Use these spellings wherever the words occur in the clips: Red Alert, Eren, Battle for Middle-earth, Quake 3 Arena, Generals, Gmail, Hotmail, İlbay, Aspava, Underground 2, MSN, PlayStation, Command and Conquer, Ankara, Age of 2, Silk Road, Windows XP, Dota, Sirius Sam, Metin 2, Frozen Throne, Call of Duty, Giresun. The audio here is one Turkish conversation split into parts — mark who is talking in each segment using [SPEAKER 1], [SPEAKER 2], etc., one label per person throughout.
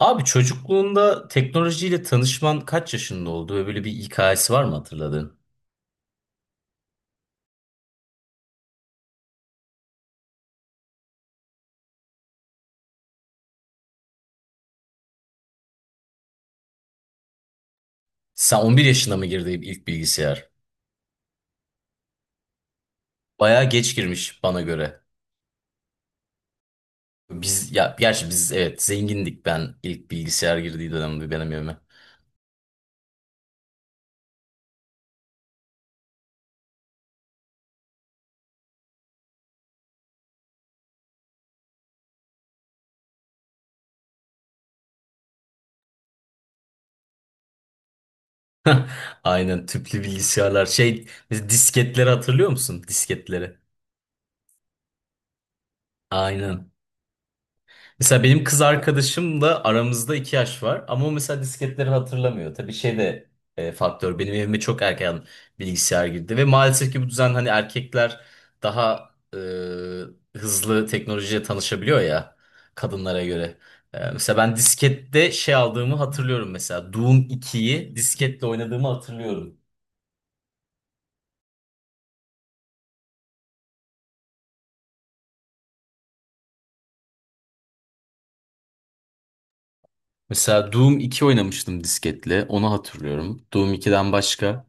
[SPEAKER 1] Abi çocukluğunda teknolojiyle tanışman kaç yaşında oldu ve böyle bir hikayesi var mı hatırladığın? Sen 11 yaşında mı girdin ilk bilgisayar? Bayağı geç girmiş bana göre. Biz ya gerçi biz, evet, zengindik, ben ilk bilgisayar girdiği dönemde benim evime. Aynen, tüplü bilgisayarlar. Biz disketleri hatırlıyor musun? Disketleri. Aynen. Mesela benim kız arkadaşımla aramızda 2 yaş var, ama o mesela disketleri hatırlamıyor. Tabii şey de, faktör. Benim evime çok erken bilgisayar girdi ve maalesef ki bu düzen, hani erkekler daha hızlı teknolojiye tanışabiliyor ya kadınlara göre. Mesela ben diskette şey aldığımı hatırlıyorum mesela. Doom 2'yi disketle oynadığımı hatırlıyorum. Mesela Doom iki oynamıştım disketle. Onu hatırlıyorum. Doom 2'den başka.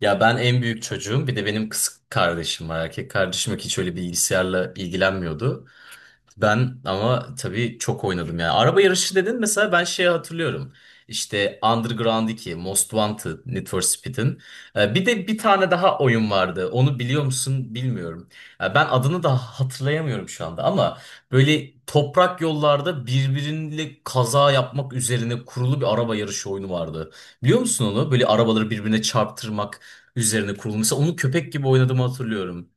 [SPEAKER 1] Ya, ben en büyük çocuğum. Bir de benim kız kardeşim var. Erkek kardeşim yok. Hiç öyle bilgisayarla ilgilenmiyordu. Ben ama tabii çok oynadım yani. Araba yarışı dedin, mesela ben şeyi hatırlıyorum. İşte Underground 2, Most Wanted, Need for Speed'in. Bir de bir tane daha oyun vardı. Onu biliyor musun, bilmiyorum. Ben adını da hatırlayamıyorum şu anda, ama böyle toprak yollarda birbiriyle kaza yapmak üzerine kurulu bir araba yarışı oyunu vardı. Biliyor musun onu? Böyle arabaları birbirine çarptırmak üzerine kurulu. Mesela onu köpek gibi oynadığımı hatırlıyorum.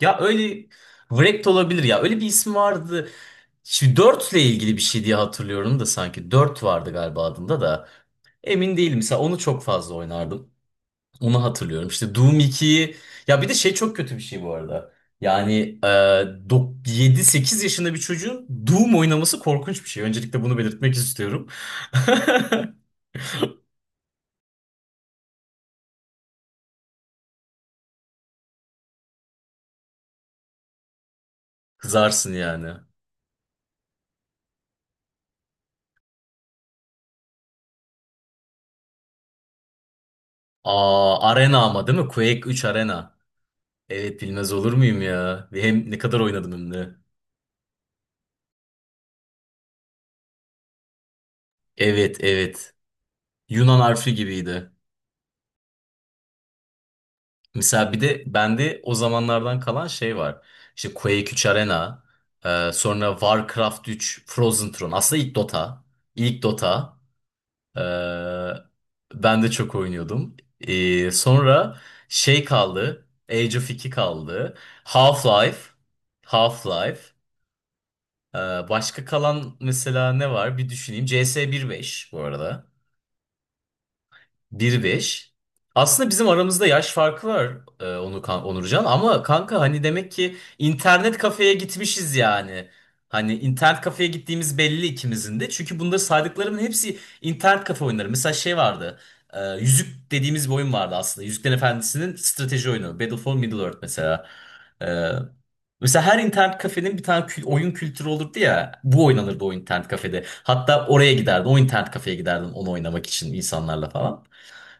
[SPEAKER 1] Ya, öyle Wrecked olabilir ya. Öyle bir ismi vardı. Şimdi 4 ile ilgili bir şey diye hatırlıyorum da sanki 4 vardı galiba adında, da emin değilim. Mesela onu çok fazla oynardım. Onu hatırlıyorum. İşte Doom 2'yi, ya bir de şey, çok kötü bir şey bu arada. Yani, 7-8 yaşında bir çocuğun Doom oynaması korkunç bir şey. Öncelikle bunu belirtmek istiyorum. Kızarsın yani. Aa, Arena ama değil mi? Quake 3 Arena. Evet, bilmez olur muyum ya? Hem ne kadar oynadım hem de. Evet, evet. Yunan harfi gibiydi. Mesela bir de bende o zamanlardan kalan şey var. İşte Quake 3 Arena, sonra Warcraft 3, Frozen Throne. Aslında ilk Dota. İlk Dota. E, ben de çok oynuyordum. Sonra şey kaldı. Age of 2 kaldı. Half-Life. Half-Life. E, başka kalan mesela ne var? Bir düşüneyim. CS 1.5 bu arada. Bir beş. Aslında bizim aramızda yaş farkı var, onu Onurcan, ama kanka, hani demek ki internet kafeye gitmişiz yani. Hani internet kafeye gittiğimiz belli ikimizin de. Çünkü bunda saydıklarımın hepsi internet kafe oyunları. Mesela şey vardı. Yüzük dediğimiz bir oyun vardı aslında. Yüzüklerin Efendisi'nin strateji oyunu. Battle for Middle-earth mesela. E, mesela her internet kafenin bir tane oyun kültürü olurdu ya. Bu oynanırdı o internet kafede. Hatta oraya giderdin. O internet kafeye giderdin onu oynamak için insanlarla falan.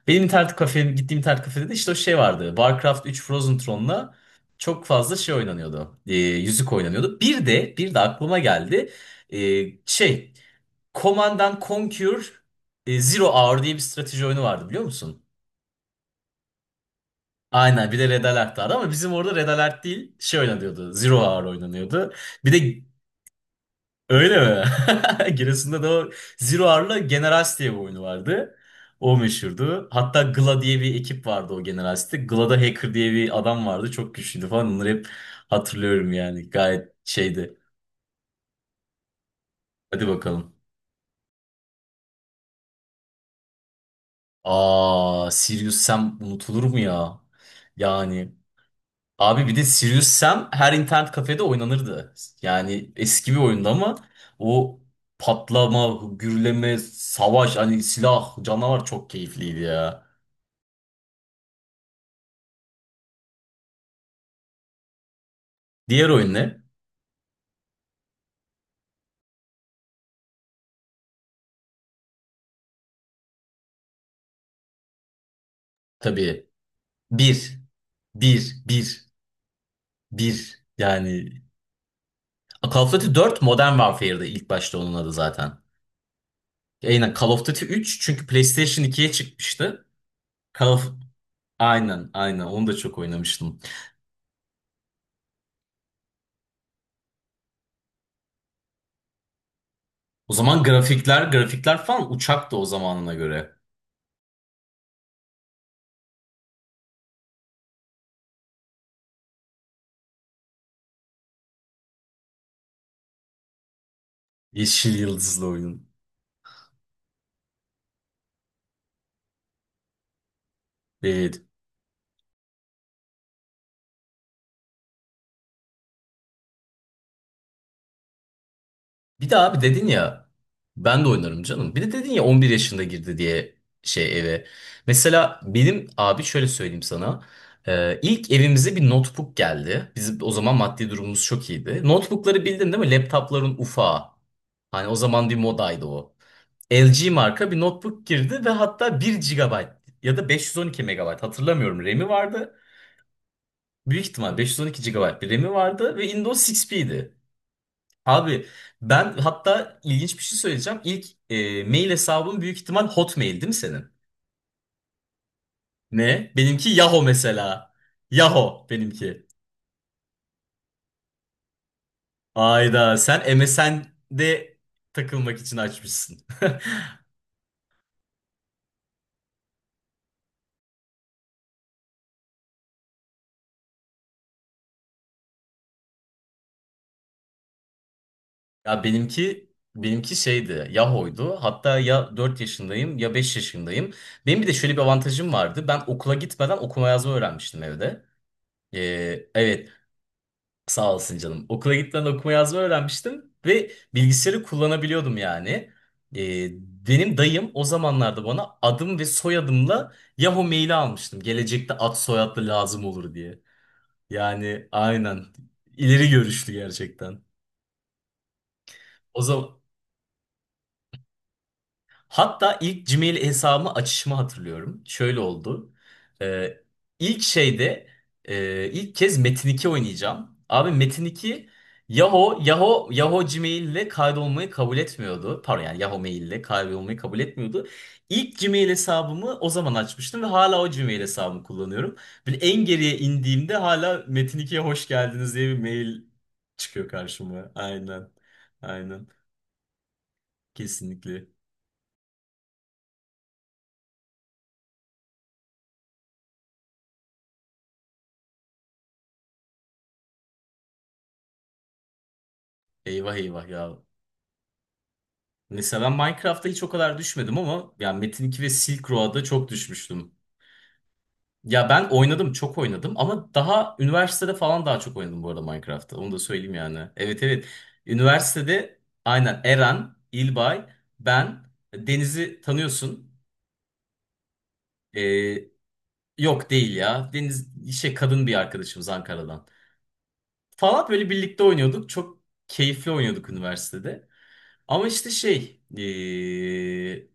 [SPEAKER 1] Benim internet kafeye gittiğim internet kafede de işte o şey vardı. Warcraft 3 Frozen Throne'la çok fazla şey oynanıyordu. Yüzük oynanıyordu. Bir de aklıma geldi. Ee, şey Command and Conquer, Zero Hour diye bir strateji oyunu vardı, biliyor musun? Aynen, bir de Red Alert vardı, ama bizim orada Red Alert değil şey oynanıyordu. Zero Hour oynanıyordu. Bir de. Öyle mi? Giresun'da da o Zero Hour'la Generals diye bir oyunu vardı. O meşhurdu. Hatta Gla diye bir ekip vardı o Generals'te. Gla'da Hacker diye bir adam vardı. Çok güçlüydü falan. Onları hep hatırlıyorum yani. Gayet şeydi. Hadi bakalım. Aa, Sirius Sam unutulur mu ya? Yani abi, bir de Sirius Sam her internet kafede oynanırdı. Yani eski bir oyundu, ama o patlama, gürleme, savaş, hani silah, canavar çok keyifliydi ya. Diğer oyun ne? Tabii, bir, bir, bir, bir. Yani Call of Duty 4 Modern Warfare'da ilk başta onun adı zaten. Aynen, Call of Duty 3 çünkü PlayStation 2'ye çıkmıştı. Call of... Aynen, aynen, onu da çok oynamıştım. O zaman grafikler, grafikler falan uçaktı o zamanına göre. Yeşil yıldızlı oyun. Evet. Bir de abi dedin ya, ben de oynarım canım. Bir de dedin ya 11 yaşında girdi diye eve. Mesela benim abi şöyle söyleyeyim sana. İlk evimize bir notebook geldi. Bizim o zaman maddi durumumuz çok iyiydi. Notebookları bildin değil mi? Laptopların ufağı. Hani o zaman bir modaydı o. LG marka bir notebook girdi ve hatta bir gigabayt ya da 512 megabayt hatırlamıyorum RAM'i vardı. Büyük ihtimal 512 gigabayt bir RAM'i vardı ve Windows XP'ydi. Abi, ben hatta ilginç bir şey söyleyeceğim. İlk mail hesabın büyük ihtimal Hotmail değil mi senin? Ne? Benimki Yahoo mesela. Yahoo benimki. Ayda sen MSN'de takılmak için açmışsın. Ya benimki şeydi, Yahoo'ydu. Hatta ya 4 yaşındayım ya 5 yaşındayım. Benim bir de şöyle bir avantajım vardı. Ben okula gitmeden okuma yazma öğrenmiştim evde. Evet, sağ olasın canım. Okula gitmeden okuma yazma öğrenmiştim ve bilgisayarı kullanabiliyordum yani. Ee, benim dayım o zamanlarda bana adım ve soyadımla Yahoo maili almıştım. Gelecekte ad soyadlı lazım olur diye. Yani aynen. İleri görüşlü gerçekten. O zaman. Hatta ilk Gmail hesabımı açışımı hatırlıyorum. Şöyle oldu. Ee, ilk şeyde e, ilk kez Metin 2 oynayacağım. Abi Metin 2 Yahoo Gmail ile kaydolmayı kabul etmiyordu. Pardon, yani Yahoo Mail ile kaydolmayı kabul etmiyordu. İlk Gmail hesabımı o zaman açmıştım ve hala o Gmail hesabımı kullanıyorum. Böyle en geriye indiğimde hala Metin 2'ye hoş geldiniz diye bir mail çıkıyor karşıma. Aynen. Aynen. Kesinlikle. Eyvah, eyvah ya. Mesela ben Minecraft'ta hiç o kadar düşmedim, ama yani Metin 2 ve Silk Road'a çok düşmüştüm. Ya, ben oynadım, çok oynadım, ama daha üniversitede falan daha çok oynadım bu arada Minecraft'ta. Onu da söyleyeyim yani. Evet, evet. Üniversitede aynen Eren, İlbay, ben, Deniz'i tanıyorsun. Ee, yok değil ya. Deniz kadın bir arkadaşımız Ankara'dan. Falan böyle birlikte oynuyorduk. Çok keyifli oynuyorduk üniversitede. Ama işte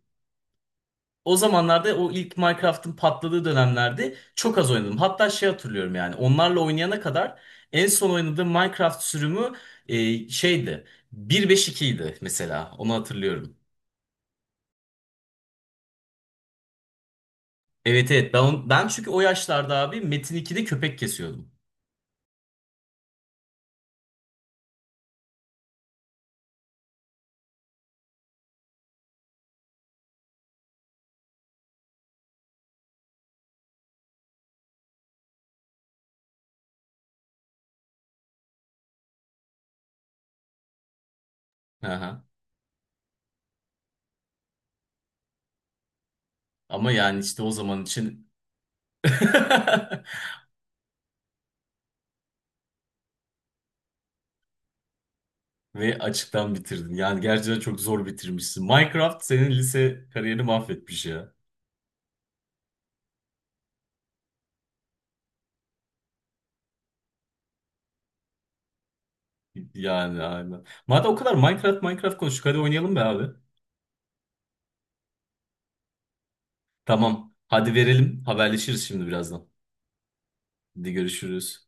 [SPEAKER 1] o zamanlarda o ilk Minecraft'ın patladığı dönemlerde çok az oynadım. Hatta hatırlıyorum yani, onlarla oynayana kadar en son oynadığım Minecraft sürümü, şeydi. 1.5.2 idi mesela, onu hatırlıyorum. Evet evet, ben çünkü o yaşlarda abi Metin 2'de köpek kesiyordum. Aha. Ama yani işte o zaman için ve açıktan bitirdin. Yani gerçekten çok zor bitirmişsin. Minecraft senin lise kariyerini mahvetmiş ya. Yani aynen. Madem o kadar Minecraft, Minecraft konuştuk, hadi oynayalım be abi. Tamam. Hadi verelim. Haberleşiriz şimdi birazdan. Hadi görüşürüz.